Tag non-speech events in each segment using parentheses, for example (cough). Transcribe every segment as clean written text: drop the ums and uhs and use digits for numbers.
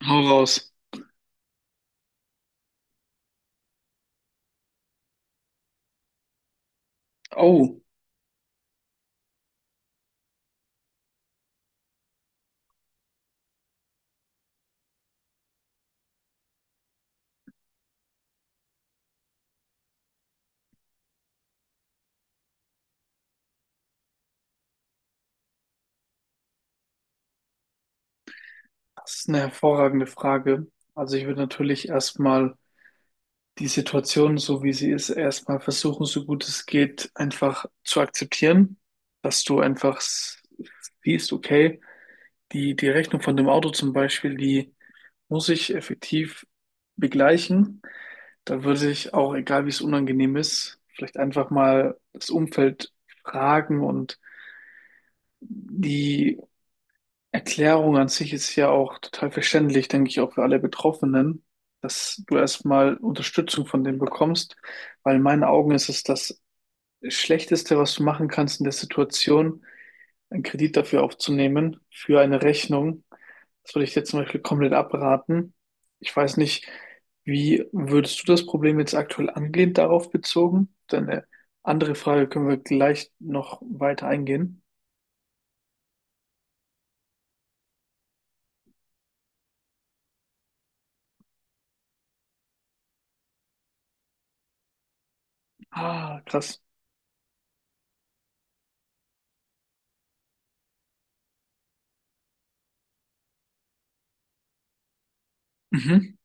Hau raus. Oh, das ist eine hervorragende Frage. Also ich würde natürlich erstmal die Situation, so wie sie ist, erstmal versuchen, so gut es geht, einfach zu akzeptieren, dass du einfach siehst, okay, die Rechnung von dem Auto zum Beispiel, die muss ich effektiv begleichen. Da würde ich auch, egal wie es unangenehm ist, vielleicht einfach mal das Umfeld fragen, und die Erklärung an sich ist ja auch total verständlich, denke ich, auch für alle Betroffenen, dass du erstmal Unterstützung von denen bekommst, weil in meinen Augen ist es das Schlechteste, was du machen kannst in der Situation, einen Kredit dafür aufzunehmen, für eine Rechnung. Das würde ich jetzt zum Beispiel komplett abraten. Ich weiß nicht, wie würdest du das Problem jetzt aktuell angehen, darauf bezogen? Deine andere Frage können wir gleich noch weiter eingehen. Ah, krass. Mhm.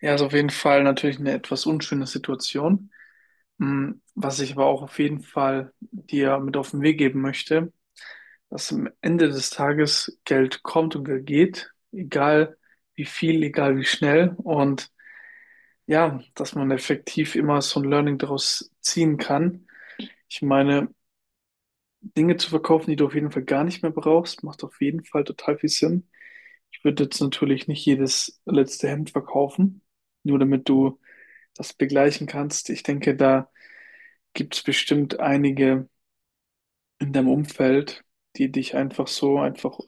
Ja, ist auf jeden Fall natürlich eine etwas unschöne Situation. Hm. Was ich aber auch auf jeden Fall dir mit auf den Weg geben möchte, dass am Ende des Tages Geld kommt und Geld geht, egal wie viel, egal wie schnell. Und ja, dass man effektiv immer so ein Learning daraus ziehen kann. Ich meine, Dinge zu verkaufen, die du auf jeden Fall gar nicht mehr brauchst, macht auf jeden Fall total viel Sinn. Ich würde jetzt natürlich nicht jedes letzte Hemd verkaufen, nur damit du das begleichen kannst. Ich denke, da gibt es bestimmt einige in deinem Umfeld, die dich einfach so einfach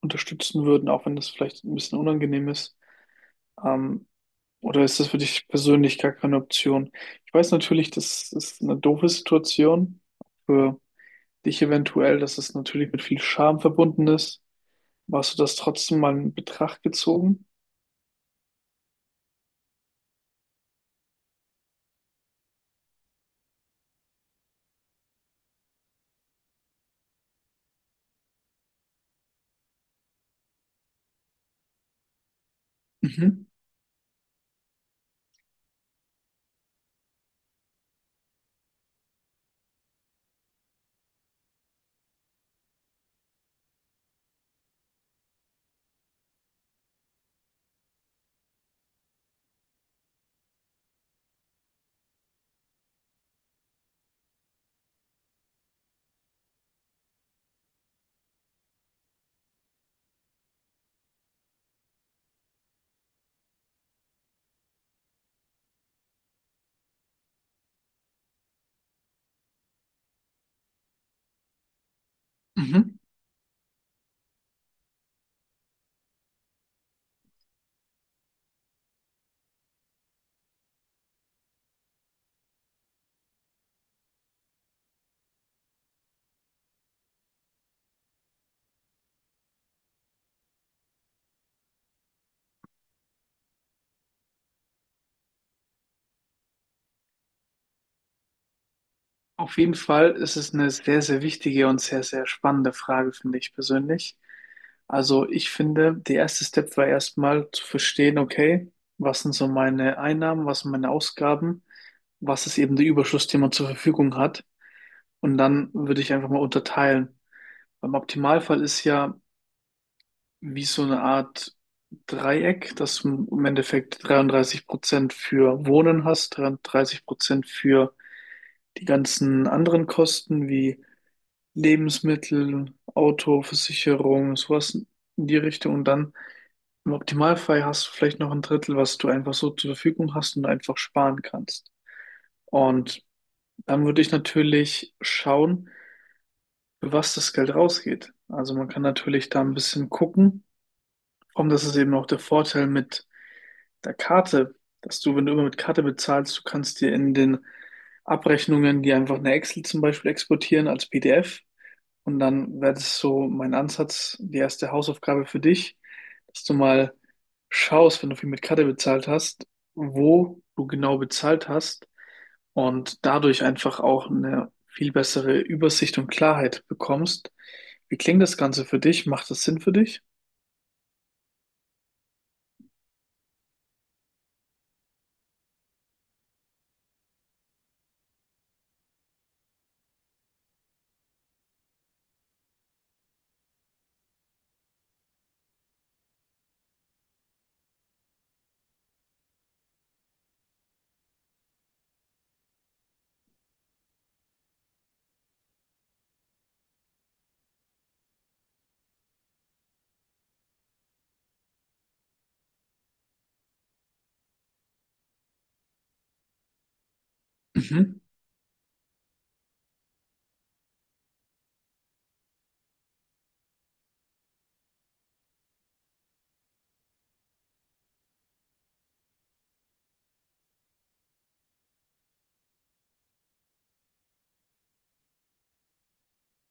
unterstützen würden, auch wenn das vielleicht ein bisschen unangenehm ist. Ähm, oder ist das für dich persönlich gar keine Option? Ich weiß natürlich, das ist eine doofe Situation für dich eventuell, dass es natürlich mit viel Scham verbunden ist. Aber hast du das trotzdem mal in Betracht gezogen? Mhm. Mhm. Auf jeden Fall ist es eine sehr, sehr wichtige und sehr, sehr spannende Frage, finde ich persönlich. Also ich finde, der erste Step war erstmal zu verstehen, okay, was sind so meine Einnahmen, was sind meine Ausgaben, was ist eben der Überschuss, den man zur Verfügung hat. Und dann würde ich einfach mal unterteilen. Beim Optimalfall ist ja wie so eine Art Dreieck, dass du im Endeffekt 33% für Wohnen hast, 33% für die ganzen anderen Kosten wie Lebensmittel, Auto, Versicherung, sowas in die Richtung. Und dann im Optimalfall hast du vielleicht noch ein Drittel, was du einfach so zur Verfügung hast und einfach sparen kannst. Und dann würde ich natürlich schauen, für was das Geld rausgeht. Also man kann natürlich da ein bisschen gucken. Und das ist eben auch der Vorteil mit der Karte, dass du, wenn du immer mit Karte bezahlst, du kannst dir in den Abrechnungen, die einfach eine Excel zum Beispiel exportieren als PDF. Und dann wäre das so mein Ansatz, die erste Hausaufgabe für dich, dass du mal schaust, wenn du viel mit Karte bezahlt hast, wo du genau bezahlt hast und dadurch einfach auch eine viel bessere Übersicht und Klarheit bekommst. Wie klingt das Ganze für dich? Macht das Sinn für dich? Mhm.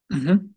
Mhm.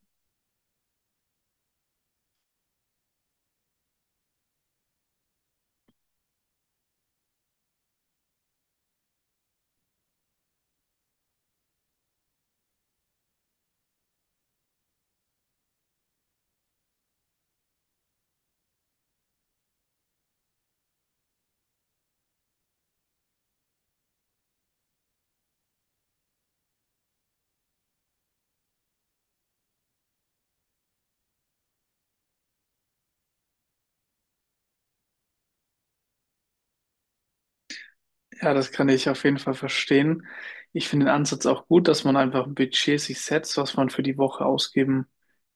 Ja, das kann ich auf jeden Fall verstehen. Ich finde den Ansatz auch gut, dass man einfach ein Budget sich setzt, was man für die Woche ausgeben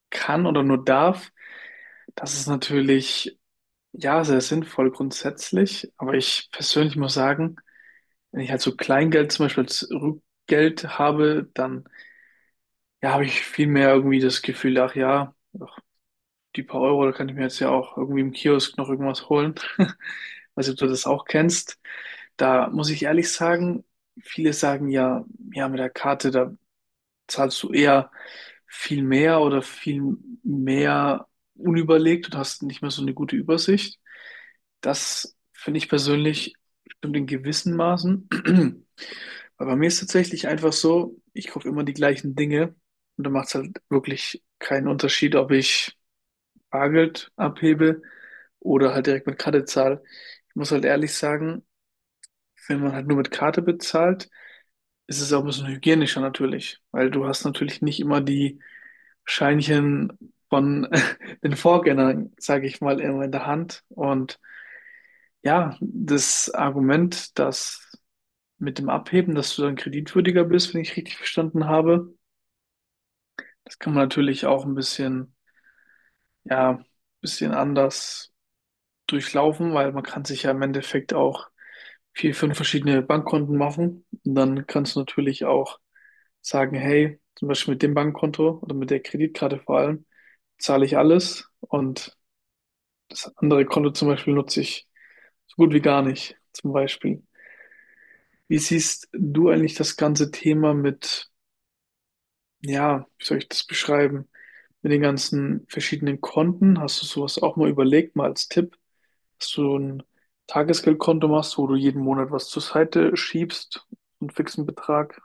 kann oder nur darf. Das ist natürlich, ja, sehr sinnvoll grundsätzlich. Aber ich persönlich muss sagen, wenn ich halt so Kleingeld zum Beispiel als Rückgeld habe, dann, ja, habe ich viel mehr irgendwie das Gefühl, ach ja, die paar Euro, da kann ich mir jetzt ja auch irgendwie im Kiosk noch irgendwas holen. (laughs) Weiß nicht, ob du das auch kennst. Da muss ich ehrlich sagen, viele sagen ja, ja, mit der Karte, da zahlst du eher viel mehr oder viel mehr unüberlegt und hast nicht mehr so eine gute Übersicht. Das finde ich persönlich stimmt in gewissen Maßen. (clears throat) Weil bei mir ist tatsächlich einfach so, ich kaufe immer die gleichen Dinge und da macht es halt wirklich keinen Unterschied, ob ich Bargeld abhebe oder halt direkt mit Karte zahle. Ich muss halt ehrlich sagen, wenn man halt nur mit Karte bezahlt, ist es auch ein bisschen hygienischer natürlich, weil du hast natürlich nicht immer die Scheinchen von (laughs) den Vorgängern, sage ich mal, immer in der Hand. Und ja, das Argument, dass mit dem Abheben, dass du dann kreditwürdiger bist, wenn ich richtig verstanden habe, das kann man natürlich auch ein bisschen, ja, bisschen anders durchlaufen, weil man kann sich ja im Endeffekt auch vier, fünf verschiedene Bankkonten machen. Und dann kannst du natürlich auch sagen, hey, zum Beispiel mit dem Bankkonto oder mit der Kreditkarte vor allem, zahle ich alles und das andere Konto zum Beispiel nutze ich so gut wie gar nicht, zum Beispiel. Wie siehst du eigentlich das ganze Thema mit, ja, wie soll ich das beschreiben, mit den ganzen verschiedenen Konten? Hast du sowas auch mal überlegt, mal als Tipp, dass du ein Tagesgeldkonto machst, wo du jeden Monat was zur Seite schiebst, einen fixen Betrag.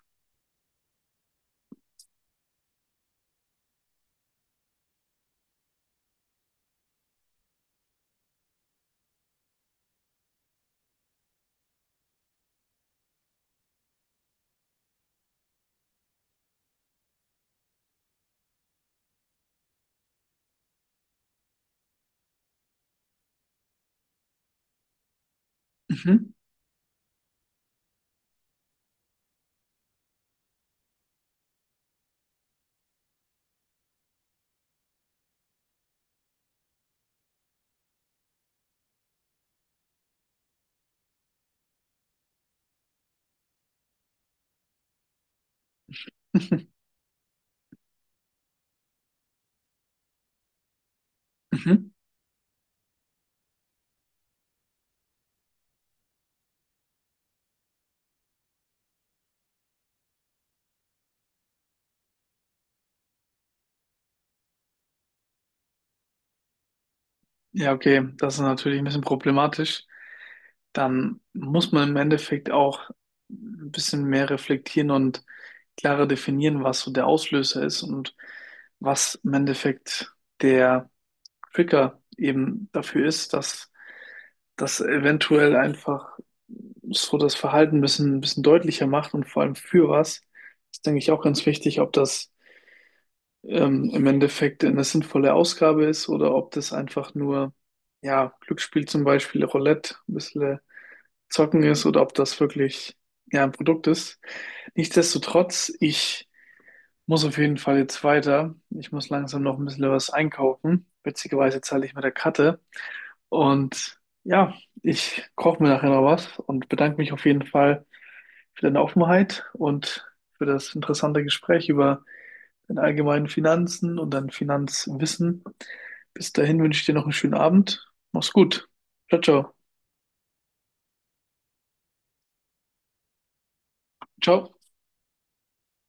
Mhm. (laughs) Mhm. Mhm. Ja, okay, das ist natürlich ein bisschen problematisch. Dann muss man im Endeffekt auch ein bisschen mehr reflektieren und klarer definieren, was so der Auslöser ist und was im Endeffekt der Trigger eben dafür ist, dass das eventuell einfach so das Verhalten ein bisschen deutlicher macht und vor allem für was. Das denke ich auch ganz wichtig, ob das im Endeffekt eine sinnvolle Ausgabe ist oder ob das einfach nur, ja, Glücksspiel zum Beispiel, Roulette, ein bisschen zocken ist oder ob das wirklich, ja, ein Produkt ist. Nichtsdestotrotz, ich muss auf jeden Fall jetzt weiter. Ich muss langsam noch ein bisschen was einkaufen. Witzigerweise zahle ich mit der Karte. Und ja, ich koche mir nachher noch was und bedanke mich auf jeden Fall für deine Offenheit und für das interessante Gespräch über deine allgemeinen Finanzen und dein Finanzwissen. Bis dahin wünsche ich dir noch einen schönen Abend. Mach's gut. Ciao, ciao. Ciao.